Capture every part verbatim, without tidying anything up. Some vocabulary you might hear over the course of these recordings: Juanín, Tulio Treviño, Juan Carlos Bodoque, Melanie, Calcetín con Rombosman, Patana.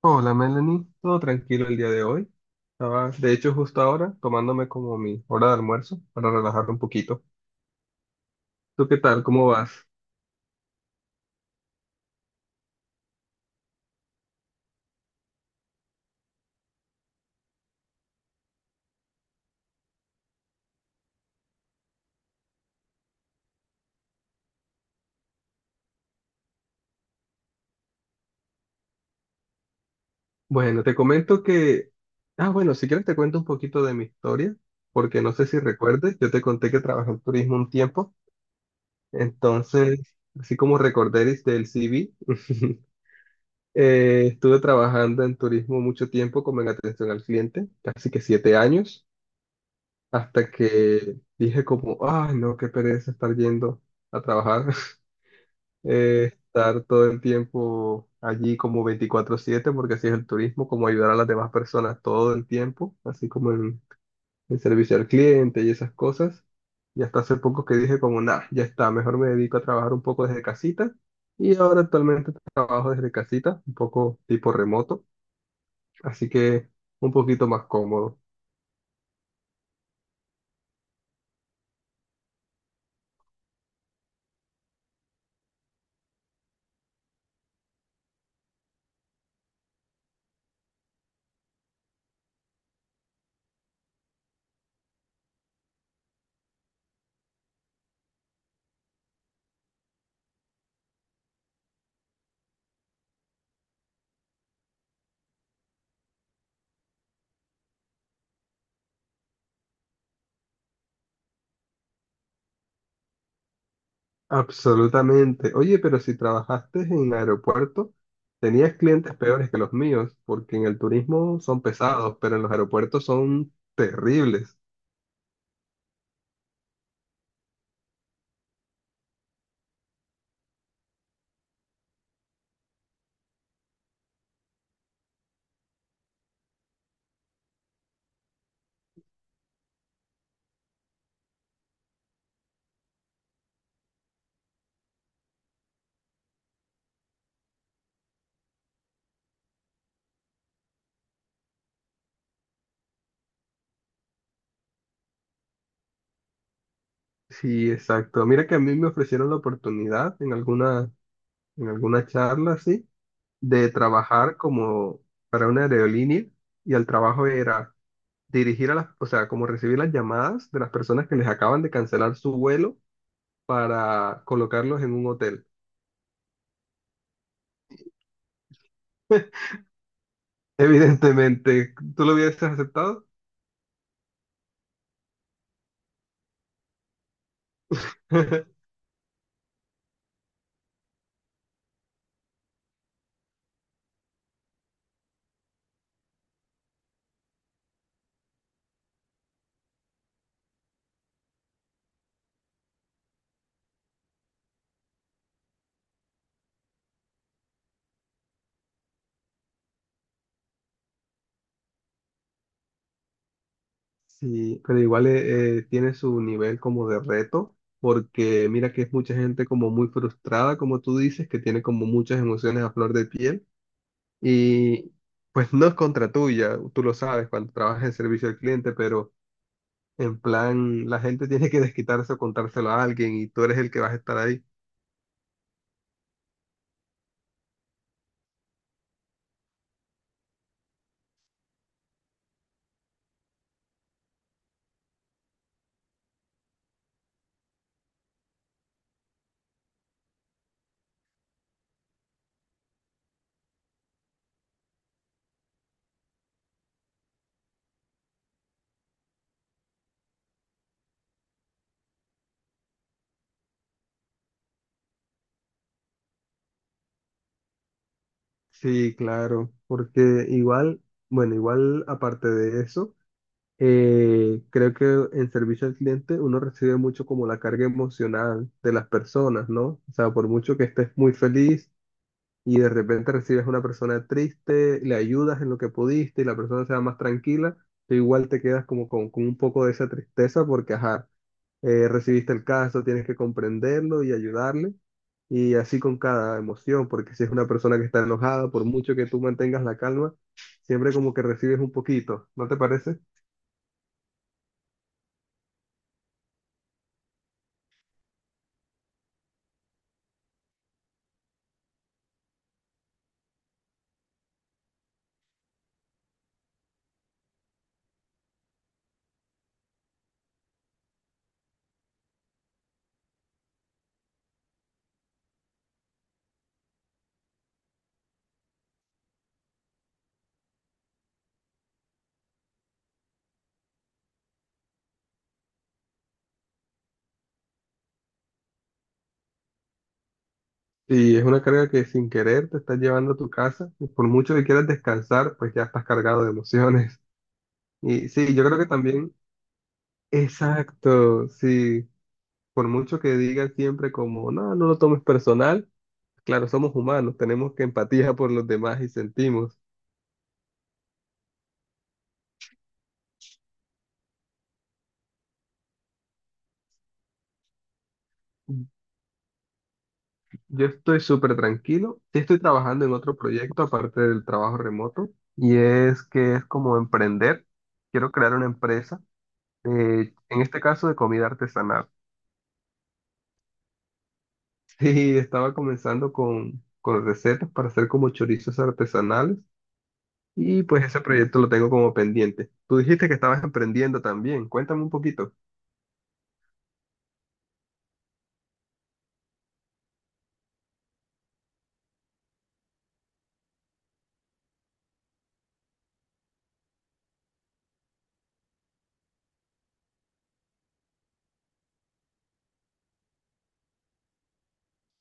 Hola Melanie, todo tranquilo el día de hoy. Estaba, de hecho, justo ahora tomándome como mi hora de almuerzo para relajarme un poquito. ¿Tú qué tal? ¿Cómo vas? Bueno, te comento que... Ah, bueno, si quieres te cuento un poquito de mi historia, porque no sé si recuerdes, yo te conté que trabajé en turismo un tiempo, entonces, así como recordéis del C V. Eh, estuve trabajando en turismo mucho tiempo como en atención al cliente, casi que siete años. Hasta que dije como, ay, no, qué pereza estar yendo a trabajar. Eh, estar todo el tiempo allí como veinticuatro siete, porque así es el turismo, como ayudar a las demás personas todo el tiempo, así como en, en servicio al cliente y esas cosas. Y hasta hace poco que dije como, nah, ya está, mejor me dedico a trabajar un poco desde casita. Y ahora actualmente trabajo desde casita, un poco tipo remoto, así que un poquito más cómodo. Absolutamente. Oye, pero si trabajaste en aeropuerto, tenías clientes peores que los míos, porque en el turismo son pesados, pero en los aeropuertos son terribles. Sí, exacto. Mira que a mí me ofrecieron la oportunidad en alguna, en alguna charla sí de trabajar como para una aerolínea y el trabajo era dirigir a las, o sea, como recibir las llamadas de las personas que les acaban de cancelar su vuelo para colocarlos en un hotel. Evidentemente, ¿tú lo hubieses aceptado? Sí, pero igual eh, eh, tiene su nivel como de reto, porque mira que es mucha gente como muy frustrada, como tú dices, que tiene como muchas emociones a flor de piel y pues no es contra tuya, tú lo sabes cuando trabajas en servicio al cliente, pero en plan la gente tiene que desquitarse o contárselo a alguien y tú eres el que vas a estar ahí. Sí, claro, porque igual, bueno, igual aparte de eso. Eh, creo que en servicio al cliente uno recibe mucho como la carga emocional de las personas, ¿no? O sea, por mucho que estés muy feliz y de repente recibes una persona triste, le ayudas en lo que pudiste y la persona se va más tranquila, tú igual te quedas como con, con un poco de esa tristeza porque, ajá, eh, recibiste el caso, tienes que comprenderlo y ayudarle. Y así con cada emoción, porque si es una persona que está enojada, por mucho que tú mantengas la calma, siempre como que recibes un poquito, ¿no te parece? Y es una carga que sin querer te estás llevando a tu casa y por mucho que quieras descansar, pues ya estás cargado de emociones. Y sí, yo creo que también, exacto, sí, por mucho que digan siempre como, no, no lo tomes personal, claro, somos humanos, tenemos que empatía por los demás y sentimos. Yo estoy súper tranquilo, sí estoy trabajando en otro proyecto aparte del trabajo remoto y es que es como emprender, quiero crear una empresa, eh, en este caso de comida artesanal. Sí, estaba comenzando con, con recetas para hacer como chorizos artesanales y pues ese proyecto lo tengo como pendiente. Tú dijiste que estabas emprendiendo también, cuéntame un poquito.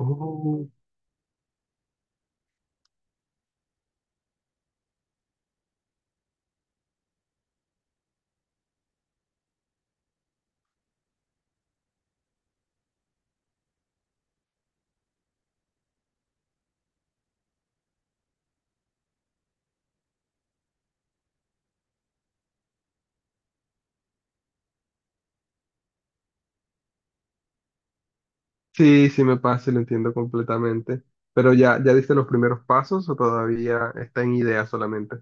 Oh. Sí, sí me pasa y lo entiendo completamente, pero ya, ¿ya diste los primeros pasos o todavía está en idea solamente?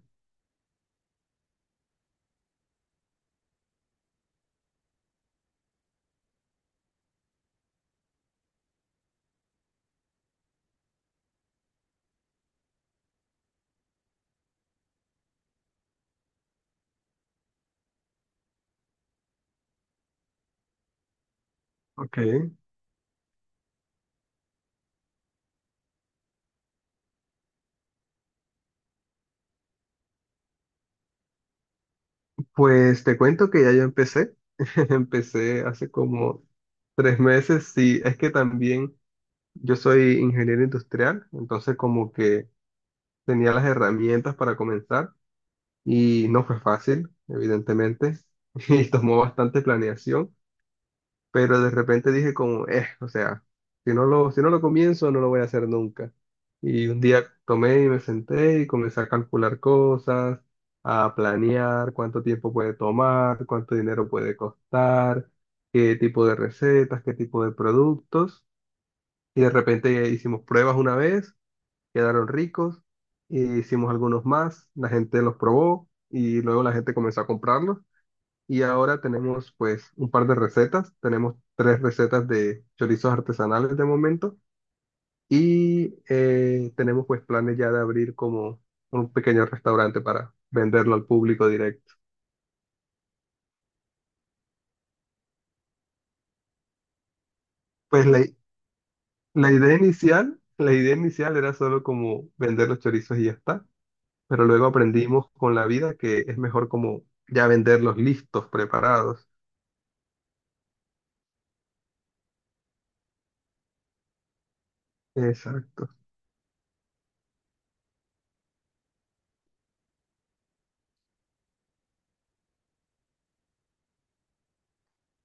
Ok, pues te cuento que ya yo empecé. Empecé hace como tres meses, sí, es que también yo soy ingeniero industrial, entonces como que tenía las herramientas para comenzar y no fue fácil, evidentemente. Y tomó bastante planeación, pero de repente dije como, eh, o sea, si no lo, si no lo comienzo, no lo voy a hacer nunca. Y un día tomé y me senté y comencé a calcular cosas, a planear cuánto tiempo puede tomar, cuánto dinero puede costar, qué tipo de recetas, qué tipo de productos. Y de repente hicimos pruebas una vez, quedaron ricos, e hicimos algunos más, la gente los probó y luego la gente comenzó a comprarlos. Y ahora tenemos pues un par de recetas, tenemos tres recetas de chorizos artesanales de momento y eh, tenemos pues planes ya de abrir como un pequeño restaurante para venderlo al público directo. Pues la, i- la idea inicial, la idea inicial era solo como vender los chorizos y ya está, pero luego aprendimos con la vida que es mejor como ya venderlos listos, preparados. Exacto.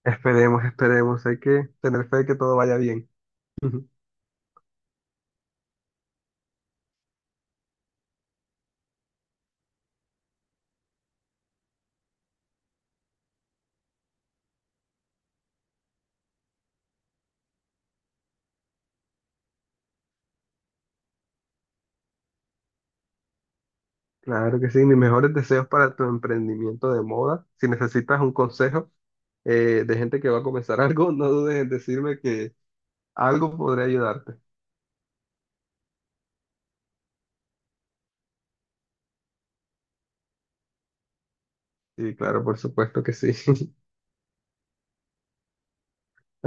Esperemos, esperemos. Hay que tener fe de que todo vaya bien. Claro que sí. Mis mejores deseos para tu emprendimiento de moda. Si necesitas un consejo eh, de gente que va a comenzar algo, no dudes en decirme que algo podré ayudarte. Sí, claro, por supuesto que sí.